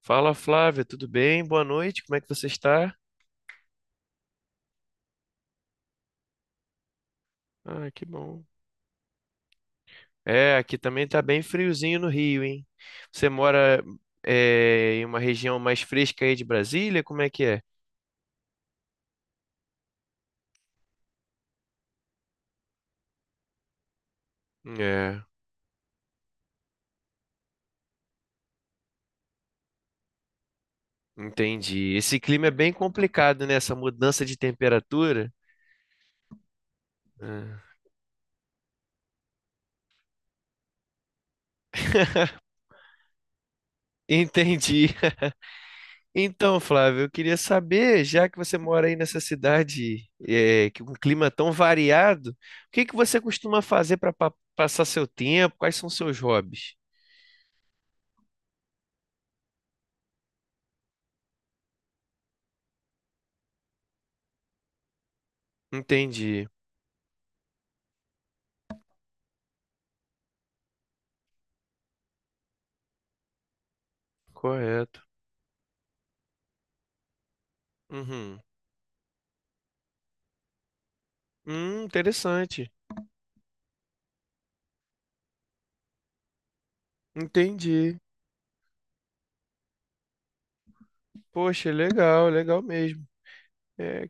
Fala, Flávia, tudo bem? Boa noite, como é que você está? Ah, que bom. É, aqui também tá bem friozinho no Rio, hein? Você mora em uma região mais fresca aí de Brasília? Como é que é? É, entendi. Esse clima é bem complicado, né? Essa mudança de temperatura. Ah, entendi. Então, Flávio, eu queria saber, já que você mora aí nessa cidade que com um clima tão variado, o que que você costuma fazer para passar seu tempo? Quais são seus hobbies? Entendi. Correto. Uhum. Interessante. Entendi. Poxa, legal, legal mesmo. É,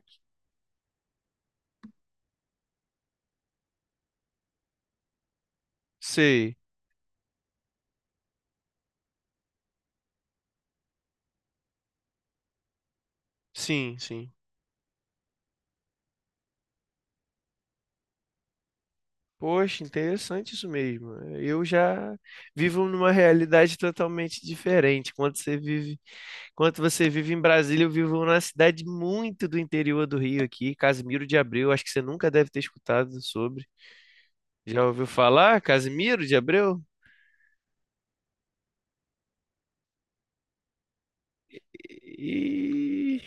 sei. Sim, sim. Poxa, interessante isso mesmo. Eu já vivo numa realidade totalmente diferente. Quando você vive em Brasília, eu vivo numa cidade muito do interior do Rio aqui, Casimiro de Abreu. Acho que você nunca deve ter escutado sobre. Já ouviu falar, Casimiro de Abreu? E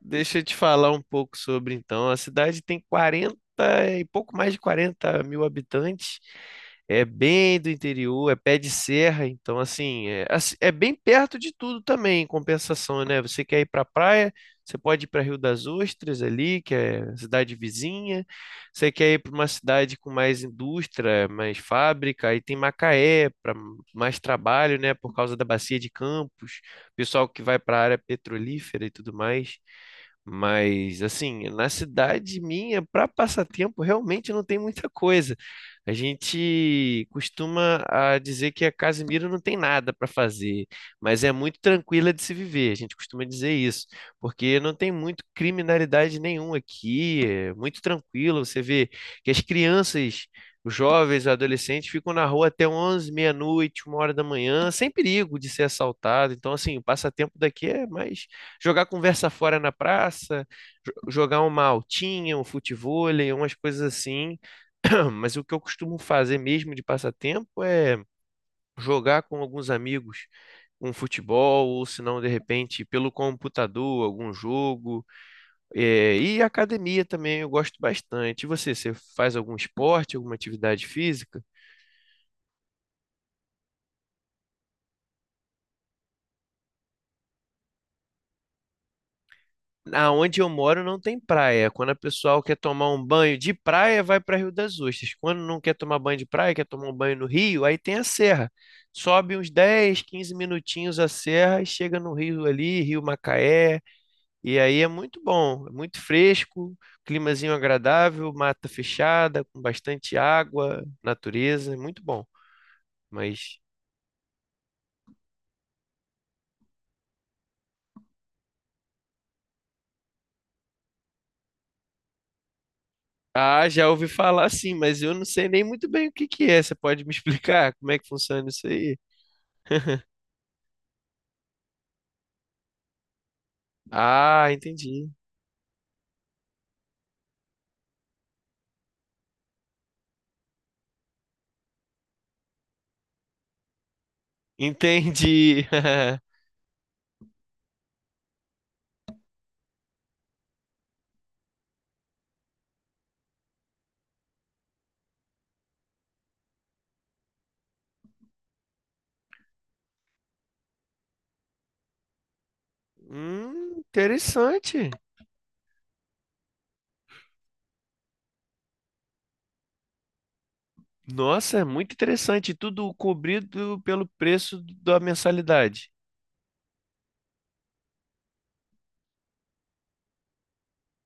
deixa eu te falar um pouco sobre, então. A cidade tem 40 e pouco, mais de 40 mil habitantes. É bem do interior, é pé de serra, então assim, é, é bem perto de tudo também, em compensação, né? Você quer ir para a praia, você pode ir para Rio das Ostras ali, que é cidade vizinha. Você quer ir para uma cidade com mais indústria, mais fábrica, aí tem Macaé para mais trabalho, né, por causa da bacia de Campos, pessoal que vai para a área petrolífera e tudo mais. Mas, assim, na cidade minha, para passatempo, realmente não tem muita coisa. A gente costuma a dizer que a Casimiro não tem nada para fazer, mas é muito tranquila de se viver. A gente costuma dizer isso, porque não tem muito criminalidade nenhuma aqui, é muito tranquilo. Você vê que as crianças, os jovens, os adolescentes ficam na rua até 11, meia-noite, 1 hora da manhã, sem perigo de ser assaltado. Então, assim, o passatempo daqui é mais jogar conversa fora na praça, jogar uma altinha, um futevôlei, umas coisas assim. Mas o que eu costumo fazer mesmo de passatempo é jogar com alguns amigos um futebol, ou se não, de repente, pelo computador, algum jogo. É, e academia também eu gosto bastante. E você, você faz algum esporte, alguma atividade física? Aonde eu moro não tem praia. Quando a pessoa quer tomar um banho de praia, vai para Rio das Ostras. Quando não quer tomar banho de praia, quer tomar um banho no rio, aí tem a serra. Sobe uns 10, 15 minutinhos a serra e chega no rio ali, Rio Macaé. E aí é muito bom, é muito fresco, climazinho agradável, mata fechada, com bastante água, natureza, é muito bom. Mas ah, já ouvi falar sim, mas eu não sei nem muito bem o que que é. Você pode me explicar como é que funciona isso aí? Ah, entendi. Entendi. Interessante. Nossa, é muito interessante. Tudo cobrido pelo preço da mensalidade.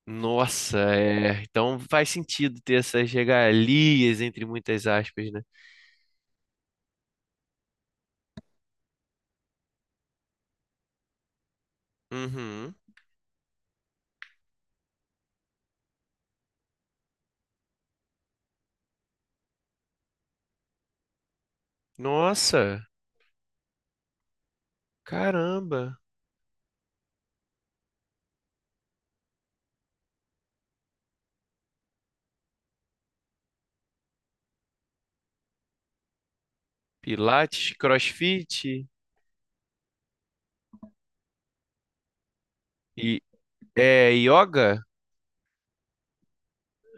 Nossa, é. Então faz sentido ter essas regalias, entre muitas aspas, né? Uhum. Nossa, caramba. Pilates, CrossFit e é yoga?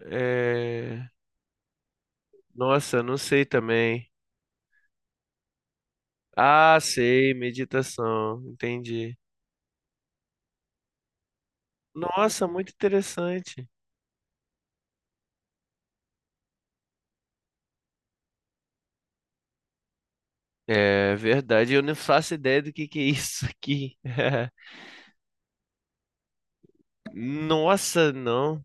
É... Nossa, não sei também. Ah, sei, meditação. Entendi. Nossa, muito interessante. É verdade, eu não faço ideia do que é isso aqui. Nossa, não.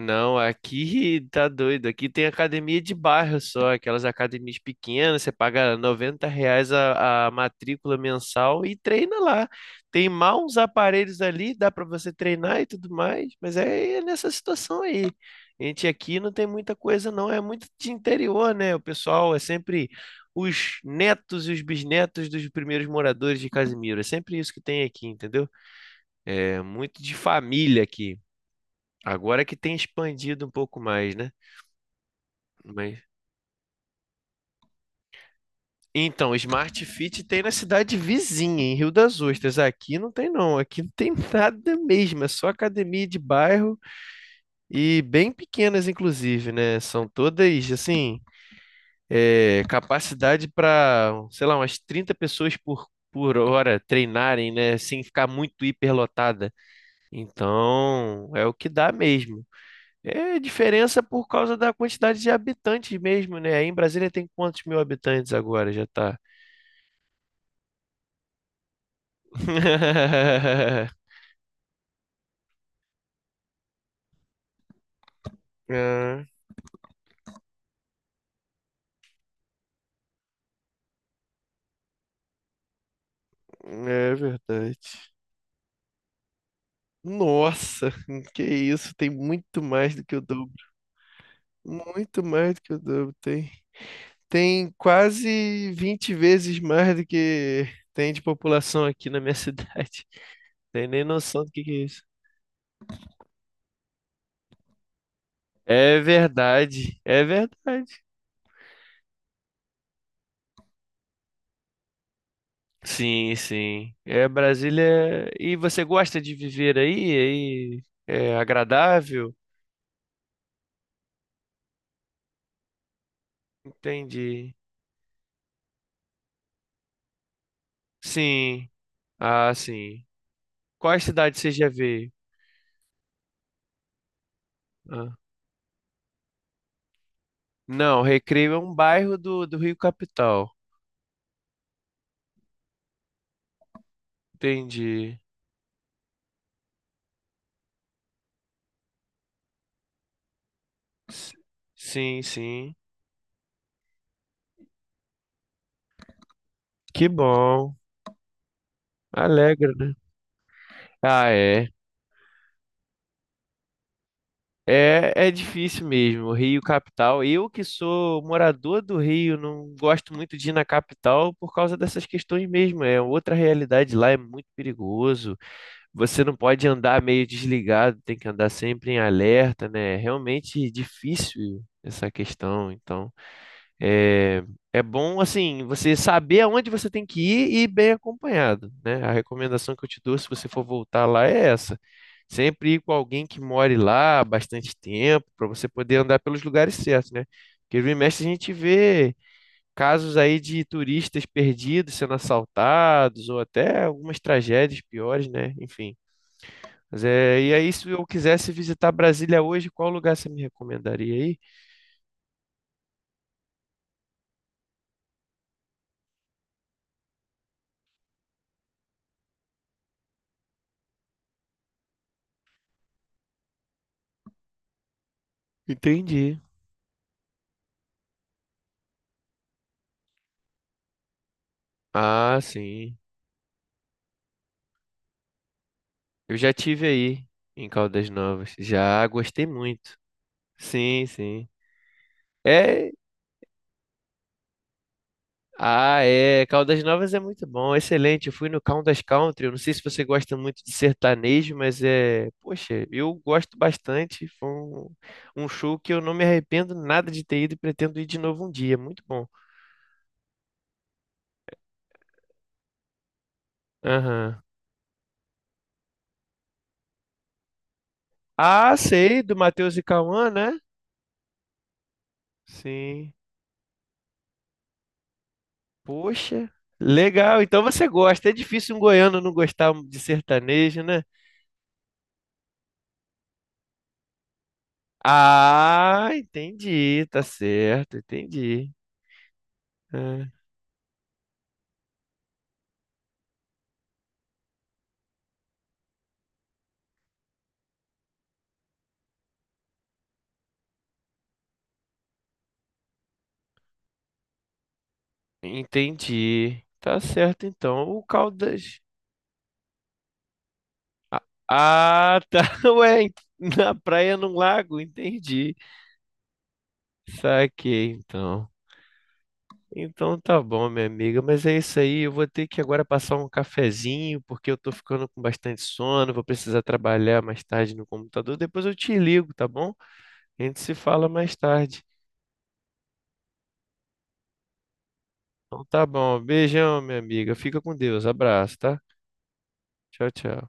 Não, aqui tá doido. Aqui tem academia de bairro só, aquelas academias pequenas, você paga R$ 90 a matrícula mensal e treina lá. Tem mal uns aparelhos ali, dá pra você treinar e tudo mais, mas é, é nessa situação aí. A gente aqui não tem muita coisa, não. É muito de interior, né? O pessoal é sempre os netos e os bisnetos dos primeiros moradores de Casimiro. É sempre isso que tem aqui, entendeu? É muito de família aqui. Agora que tem expandido um pouco mais, né? Mas... Então, Smart Fit tem na cidade vizinha, em Rio das Ostras. Aqui não tem, não. Aqui não tem nada mesmo. É só academia de bairro e bem pequenas, inclusive, né? São todas, assim, é, capacidade para, sei lá, umas 30 pessoas por hora treinarem, né? Sem ficar muito hiperlotada. Então, é o que dá mesmo. É diferença por causa da quantidade de habitantes mesmo, né? Aí em Brasília tem quantos mil habitantes agora? Já tá. Ah, é verdade. Nossa, que isso, tem muito mais do que o dobro. Muito mais do que o dobro, tem. Tem quase 20 vezes mais do que tem de população aqui na minha cidade. Tem nem noção do que é isso. É verdade, é verdade. Sim, sim. É Brasília. E você gosta de viver aí? Aí é agradável? Entendi. Sim. Ah, sim. Qual é a cidade você já veio? Ah, não, Recreio é um bairro do Rio Capital. Entendi. S- Sim, sim. Que bom. Alegra, né? Ah, é. É, é difícil mesmo, Rio capital. Eu que sou morador do Rio, não gosto muito de ir na capital por causa dessas questões mesmo. É outra realidade lá, é muito perigoso. Você não pode andar meio desligado, tem que andar sempre em alerta, né? É realmente difícil essa questão. Então, é, é bom, assim, você saber aonde você tem que ir e ir bem acompanhado, né? A recomendação que eu te dou, se você for voltar lá, é essa. Sempre ir com alguém que more lá há bastante tempo, para você poder andar pelos lugares certos, né? Porque vira e mexe a gente vê casos aí de turistas perdidos sendo assaltados, ou até algumas tragédias piores, né? Enfim. Mas é, e aí, se eu quisesse visitar Brasília hoje, qual lugar você me recomendaria aí? Entendi. Ah, sim. Eu já tive aí em Caldas Novas. Já gostei muito. Sim, sim. É, ah, é, Caldas Novas é muito bom, excelente. Eu fui no Caldas Country, eu não sei se você gosta muito de sertanejo, mas é, poxa, eu gosto bastante. Foi um show que eu não me arrependo nada de ter ido e pretendo ir de novo um dia. Muito bom. Aham. Ah, sei, do Matheus e Cauã, né? Sim. Poxa, legal. Então você gosta. É difícil um goiano não gostar de sertanejo, né? Ah, entendi, tá certo, entendi. Ah, entendi. Tá certo, então. O Caldas. Ah, ah, tá. Ué, na praia, num lago, entendi. Saquei, então. Então tá bom, minha amiga, mas é isso aí. Eu vou ter que agora passar um cafezinho, porque eu tô ficando com bastante sono. Vou precisar trabalhar mais tarde no computador. Depois eu te ligo, tá bom? A gente se fala mais tarde. Então tá bom. Beijão, minha amiga. Fica com Deus. Abraço, tá? Tchau, tchau.